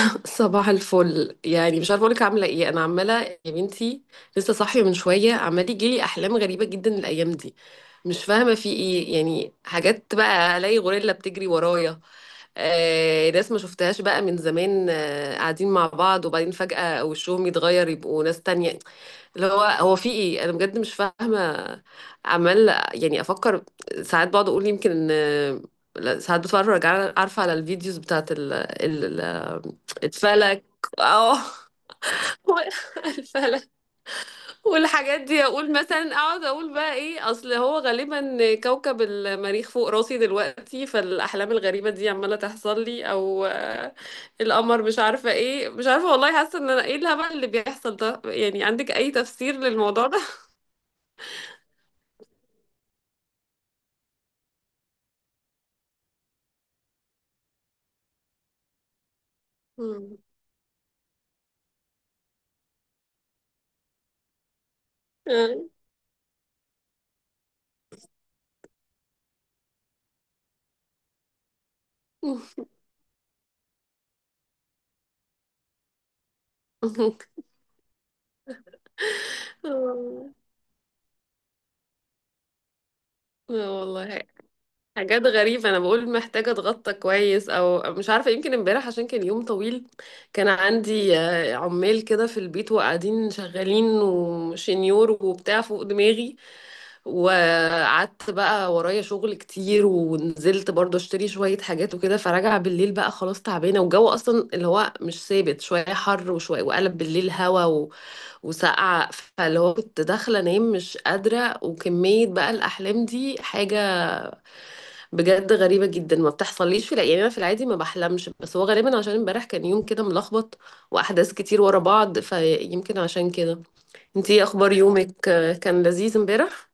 صباح الفل، يعني مش عارفه اقولك عامله ايه، انا عماله يا بنتي. لسه صاحيه من شويه، عمال يجيلي احلام غريبه جدا الايام دي. مش فاهمه في ايه، يعني حاجات بقى الاقي غوريلا بتجري ورايا. ناس ما شفتهاش بقى من زمان، قاعدين مع بعض وبعدين فجأة وشهم يتغير يبقوا ناس تانية. اللي هو هو في ايه؟ انا بجد مش فاهمة. عمال يعني افكر. ساعات بقعد اقول يمكن لا، ساعات بتفرج عارفة، على الفيديوز بتاعت الفلك. اه. الفلك والحاجات دي. اقول مثلا اقعد اقول بقى ايه، اصل هو غالبا كوكب المريخ فوق راسي دلوقتي، فالاحلام الغريبه دي عماله تحصل لي، او القمر، مش عارفه ايه، مش عارفه والله. حاسه ان انا ايه الهبل اللي بيحصل ده؟ يعني عندك اي تفسير للموضوع ده؟ مم. آه. آه والله. حاجات غريبة. أنا بقول محتاجة أتغطى كويس، أو مش عارفة، يمكن امبارح عشان كان يوم طويل. كان عندي عمال كده في البيت، وقاعدين شغالين وشنيور وبتاع فوق دماغي. وقعدت بقى ورايا شغل كتير، ونزلت برضو اشتري شوية حاجات وكده، فراجعة بالليل بقى خلاص تعبانة، والجو أصلا اللي هو مش ثابت، شوية حر وشوية وقلب بالليل هوا وسقع. فاللي هو كنت داخلة أنام مش قادرة، وكمية بقى الأحلام دي حاجة بجد غريبة جدا. ما بتحصليش في يعني أنا في العادي ما بحلمش، بس هو غالبا عشان امبارح كان يوم كده ملخبط وأحداث كتير ورا بعض، فيمكن عشان كده. انتي إيه أخبار يومك؟ كان لذيذ امبارح؟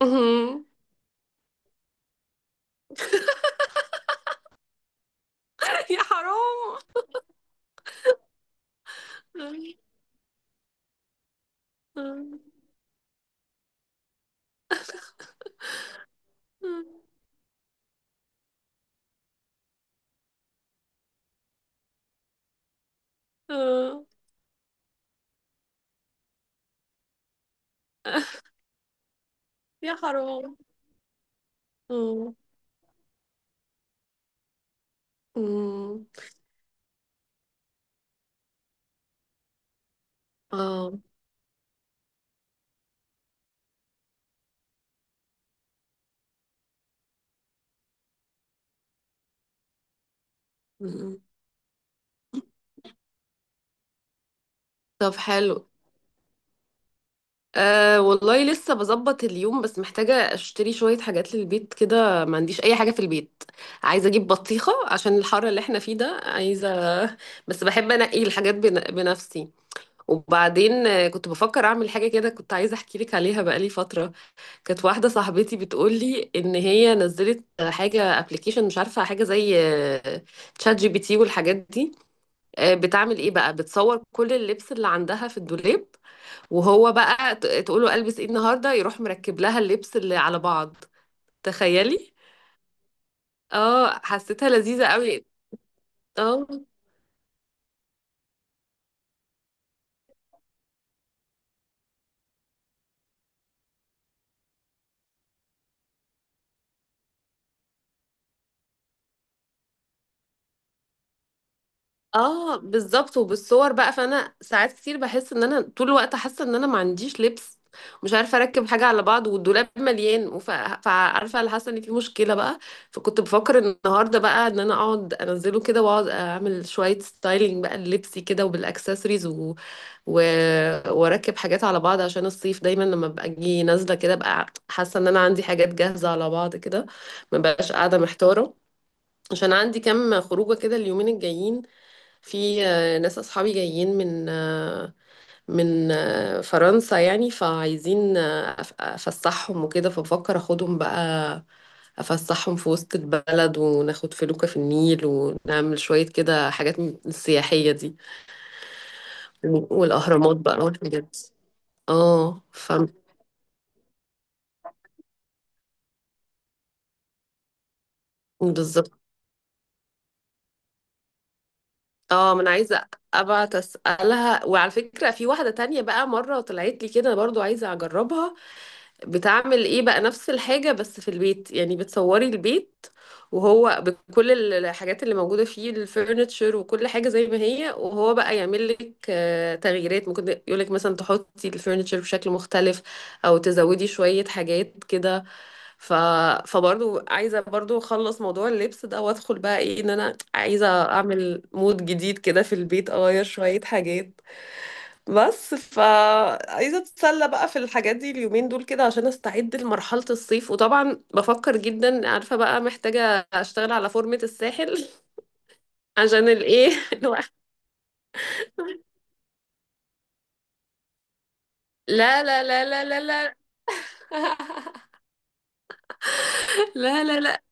يا حرام. يا حرام. آه. آه. آه. طب حلو. أه والله لسه بظبط اليوم، بس محتاجة اشتري شوية حاجات للبيت كده، ما عنديش أي حاجة في البيت. عايزة أجيب بطيخة عشان الحر اللي احنا فيه ده، عايزة. بس بحب أنقي الحاجات بنفسي. وبعدين كنت بفكر أعمل حاجة كده، كنت عايزة أحكي لك عليها بقالي فترة. كانت واحدة صاحبتي بتقول لي إن هي نزلت حاجة ابلكيشن، مش عارفة، حاجة زي تشات جي بي تي والحاجات دي. بتعمل إيه بقى؟ بتصور كل اللبس اللي عندها في الدولاب، وهو بقى تقوله البس ايه النهارده، يروح مركب لها اللبس اللي على بعض. تخيلي. اه، حسيتها لذيذة قوي. اه. اه بالظبط، وبالصور بقى. فانا ساعات كتير بحس ان انا طول الوقت حاسه ان انا ما عنديش لبس، مش عارفه اركب حاجه على بعض، والدولاب مليان. فعارفه، اللي حاسه ان في مشكله بقى. فكنت بفكر النهارده بقى ان انا اقعد انزله كده، واقعد اعمل شويه ستايلينج بقى للبسي كده وبالاكسسوارز، و... واركب حاجات على بعض، عشان الصيف دايما لما ببقى اجي نازله كده ببقى حاسه ان انا عندي حاجات جاهزه على بعض كده، ما بقاش قاعده محتاره. عشان عندي كام خروجه كده اليومين الجايين. في ناس اصحابي جايين من فرنسا، يعني فعايزين افسحهم وكده، فبفكر اخدهم بقى افسحهم في وسط البلد، وناخد فلوكة في النيل، ونعمل شويه كده حاجات من السياحيه دي. والاهرامات بقى والحاجات دي. اه ف. بالظبط. اه ما انا عايزه ابعت اسالها. وعلى فكره، في واحده تانية بقى مره طلعت لي كده برضو، عايزه اجربها. بتعمل ايه بقى؟ نفس الحاجه بس في البيت، يعني بتصوري البيت وهو بكل الحاجات اللي موجوده فيه، الفurniture وكل حاجه زي ما هي، وهو بقى يعمل لك تغييرات، ممكن يقول لك مثلا تحطي الفurniture بشكل مختلف، او تزودي شويه حاجات كده. ف... فبرضو عايزة برضو اخلص موضوع اللبس ده، وادخل بقى ايه، ان انا عايزة اعمل مود جديد كده في البيت، اغير شوية حاجات. بس فعايزة اتسلى بقى في الحاجات دي اليومين دول كده، عشان استعد لمرحلة الصيف. وطبعا بفكر جدا، عارفة بقى، محتاجة اشتغل على فورمة الساحل. عشان الايه لا لا لا لا لا لا. لا لا لا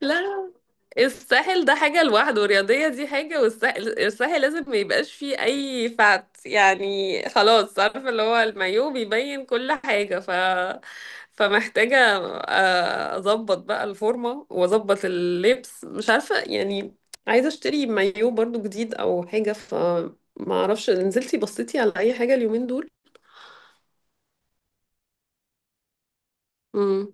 لا. الساحل ده حاجة لوحده، والرياضية دي حاجة، والساحل الساحل لازم ما يبقاش فيه أي فات، يعني خلاص، عارفة اللي هو المايو بيبين كل حاجة. ف فمحتاجة أظبط بقى الفورمة وأظبط اللبس، مش عارفة يعني. عايزة أشتري مايو برضو جديد أو حاجة، فما أعرفش، نزلتي بصيتي على أي حاجة اليومين دول؟ مم.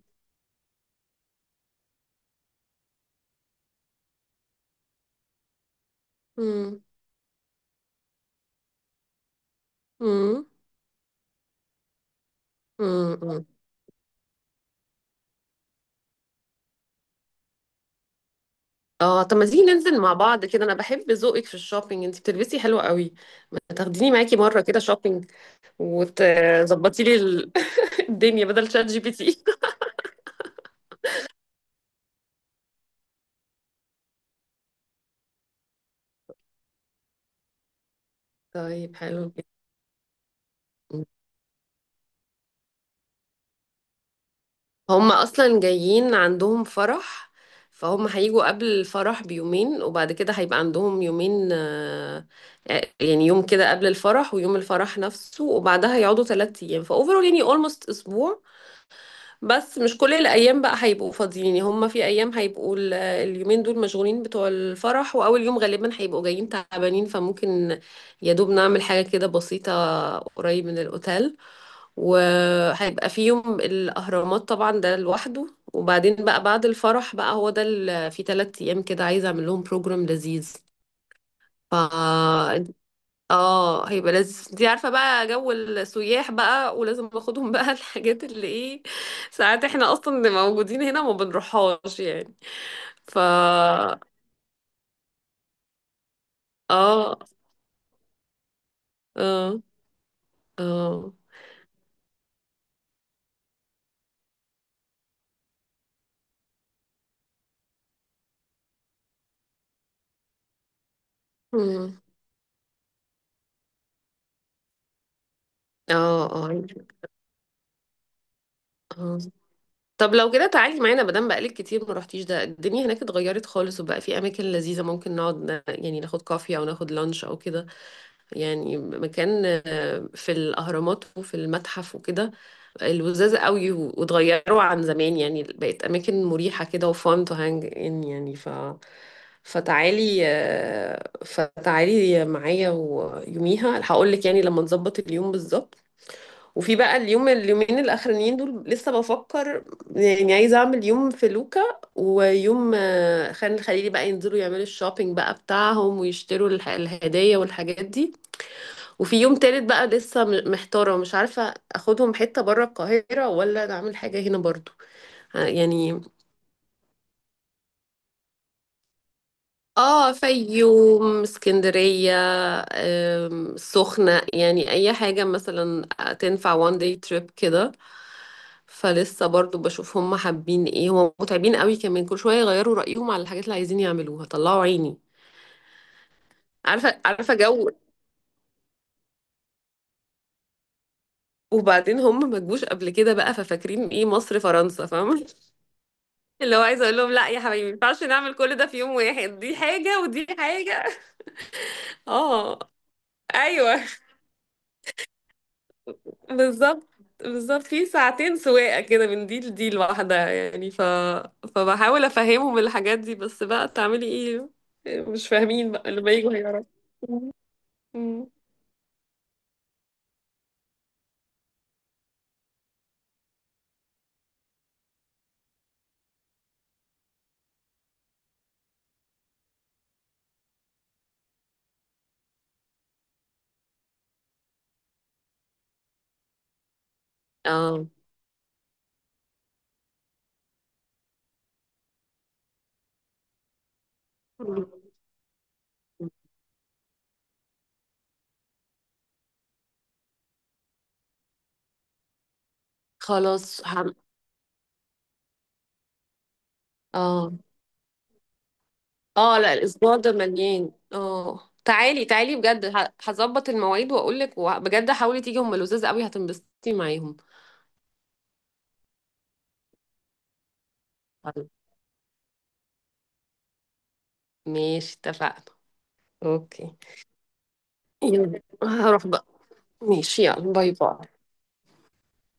مم. مم. مم. اه طب ما تيجي ننزل مع بعض كده، انا بحب ذوقك في الشوبينج، انت بتلبسي حلو قوي. ما تاخديني معاكي مره كده شوبينج، وتظبطي لي ال- الدنيا بدل شات جي بي تي. طيب، حلو جدا. هم اصلا جايين عندهم فرح، فهم هيجوا قبل الفرح بيومين، وبعد كده هيبقى عندهم يومين، يعني يوم كده قبل الفرح، ويوم الفرح نفسه، وبعدها يقعدوا 3 ايام، فاوفرول يعني اولموست اسبوع. بس مش كل الايام بقى هيبقوا فاضيين، يعني هما في ايام هيبقوا اليومين دول مشغولين بتوع الفرح، واول يوم غالبا هيبقوا جايين تعبانين، فممكن يا دوب نعمل حاجه كده بسيطه قريب من الاوتيل. وهيبقى في يوم الاهرامات طبعا ده لوحده، وبعدين بقى بعد الفرح بقى، هو ده في 3 ايام كده عايزه اعمل لهم بروجرام لذيذ. فانت. اه هيبقى لذيذ. انتي عارفة بقى جو السياح بقى، ولازم ناخدهم بقى الحاجات اللي ايه، ساعات احنا اصلا اللي موجودين هنا ما بنروحهاش يعني. ف اه. اه. اه. مم. اه. اه طب لو كده تعالي معانا، مادام بقالك كتير ما رحتيش، ده الدنيا هناك اتغيرت خالص، وبقى في اماكن لذيذه ممكن نقعد يعني ناخد كافي، او ناخد لانش او كده. يعني مكان في الاهرامات وفي المتحف وكده الوزاز قوي، واتغيروا عن زمان، يعني بقت اماكن مريحه كده، وفان تو هانج ان، يعني ف فتعالي فتعالي معايا، ويوميها هقول لك يعني لما نظبط اليوم بالظبط. وفي بقى اليوم، اليومين الاخرانيين دول لسه بفكر، يعني عايزه اعمل يوم في لوكا، ويوم خان الخليلي بقى، ينزلوا يعملوا الشوبينج بقى بتاعهم ويشتروا الهدايا والحاجات دي. وفي يوم تالت بقى لسه محتاره، مش عارفه اخدهم حته بره القاهره ولا اعمل حاجه هنا برضو. يعني. اه، فيوم، اسكندرية، سخنة، يعني أي حاجة مثلا تنفع one day trip كده. فلسه برضو بشوف هم حابين ايه، هم متعبين قوي كمان كل شوية يغيروا رأيهم على الحاجات اللي عايزين يعملوها، طلعوا عيني. عارفة عارفة جو. وبعدين هم ما جوش قبل كده بقى، ففاكرين ايه مصر، فرنسا، فاهمة؟ اللي هو عايزة اقول لهم لا يا حبايبي، ما ينفعش نعمل كل ده في يوم واحد، دي حاجة ودي حاجة. اه. ايوه بالظبط. بالظبط، في ساعتين سواقة كده من دي لدي لوحدها يعني. فبحاول افهمهم الحاجات دي، بس بقى تعملي ايه، مش فاهمين بقى، اللي بيجوا هيعرفوا. أمم. اه. مم. خلاص هم... اه. اه لا الاسبوع ده مليان. اه تعالي تعالي بجد، هظبط المواعيد واقول لك، بجد حاولي تيجي، هم لذاذ قوي هتنبسطي معاهم. طيب ماشي، اتفقنا. اوكي يلا هروح بقى. ماشي يلا، باي باي.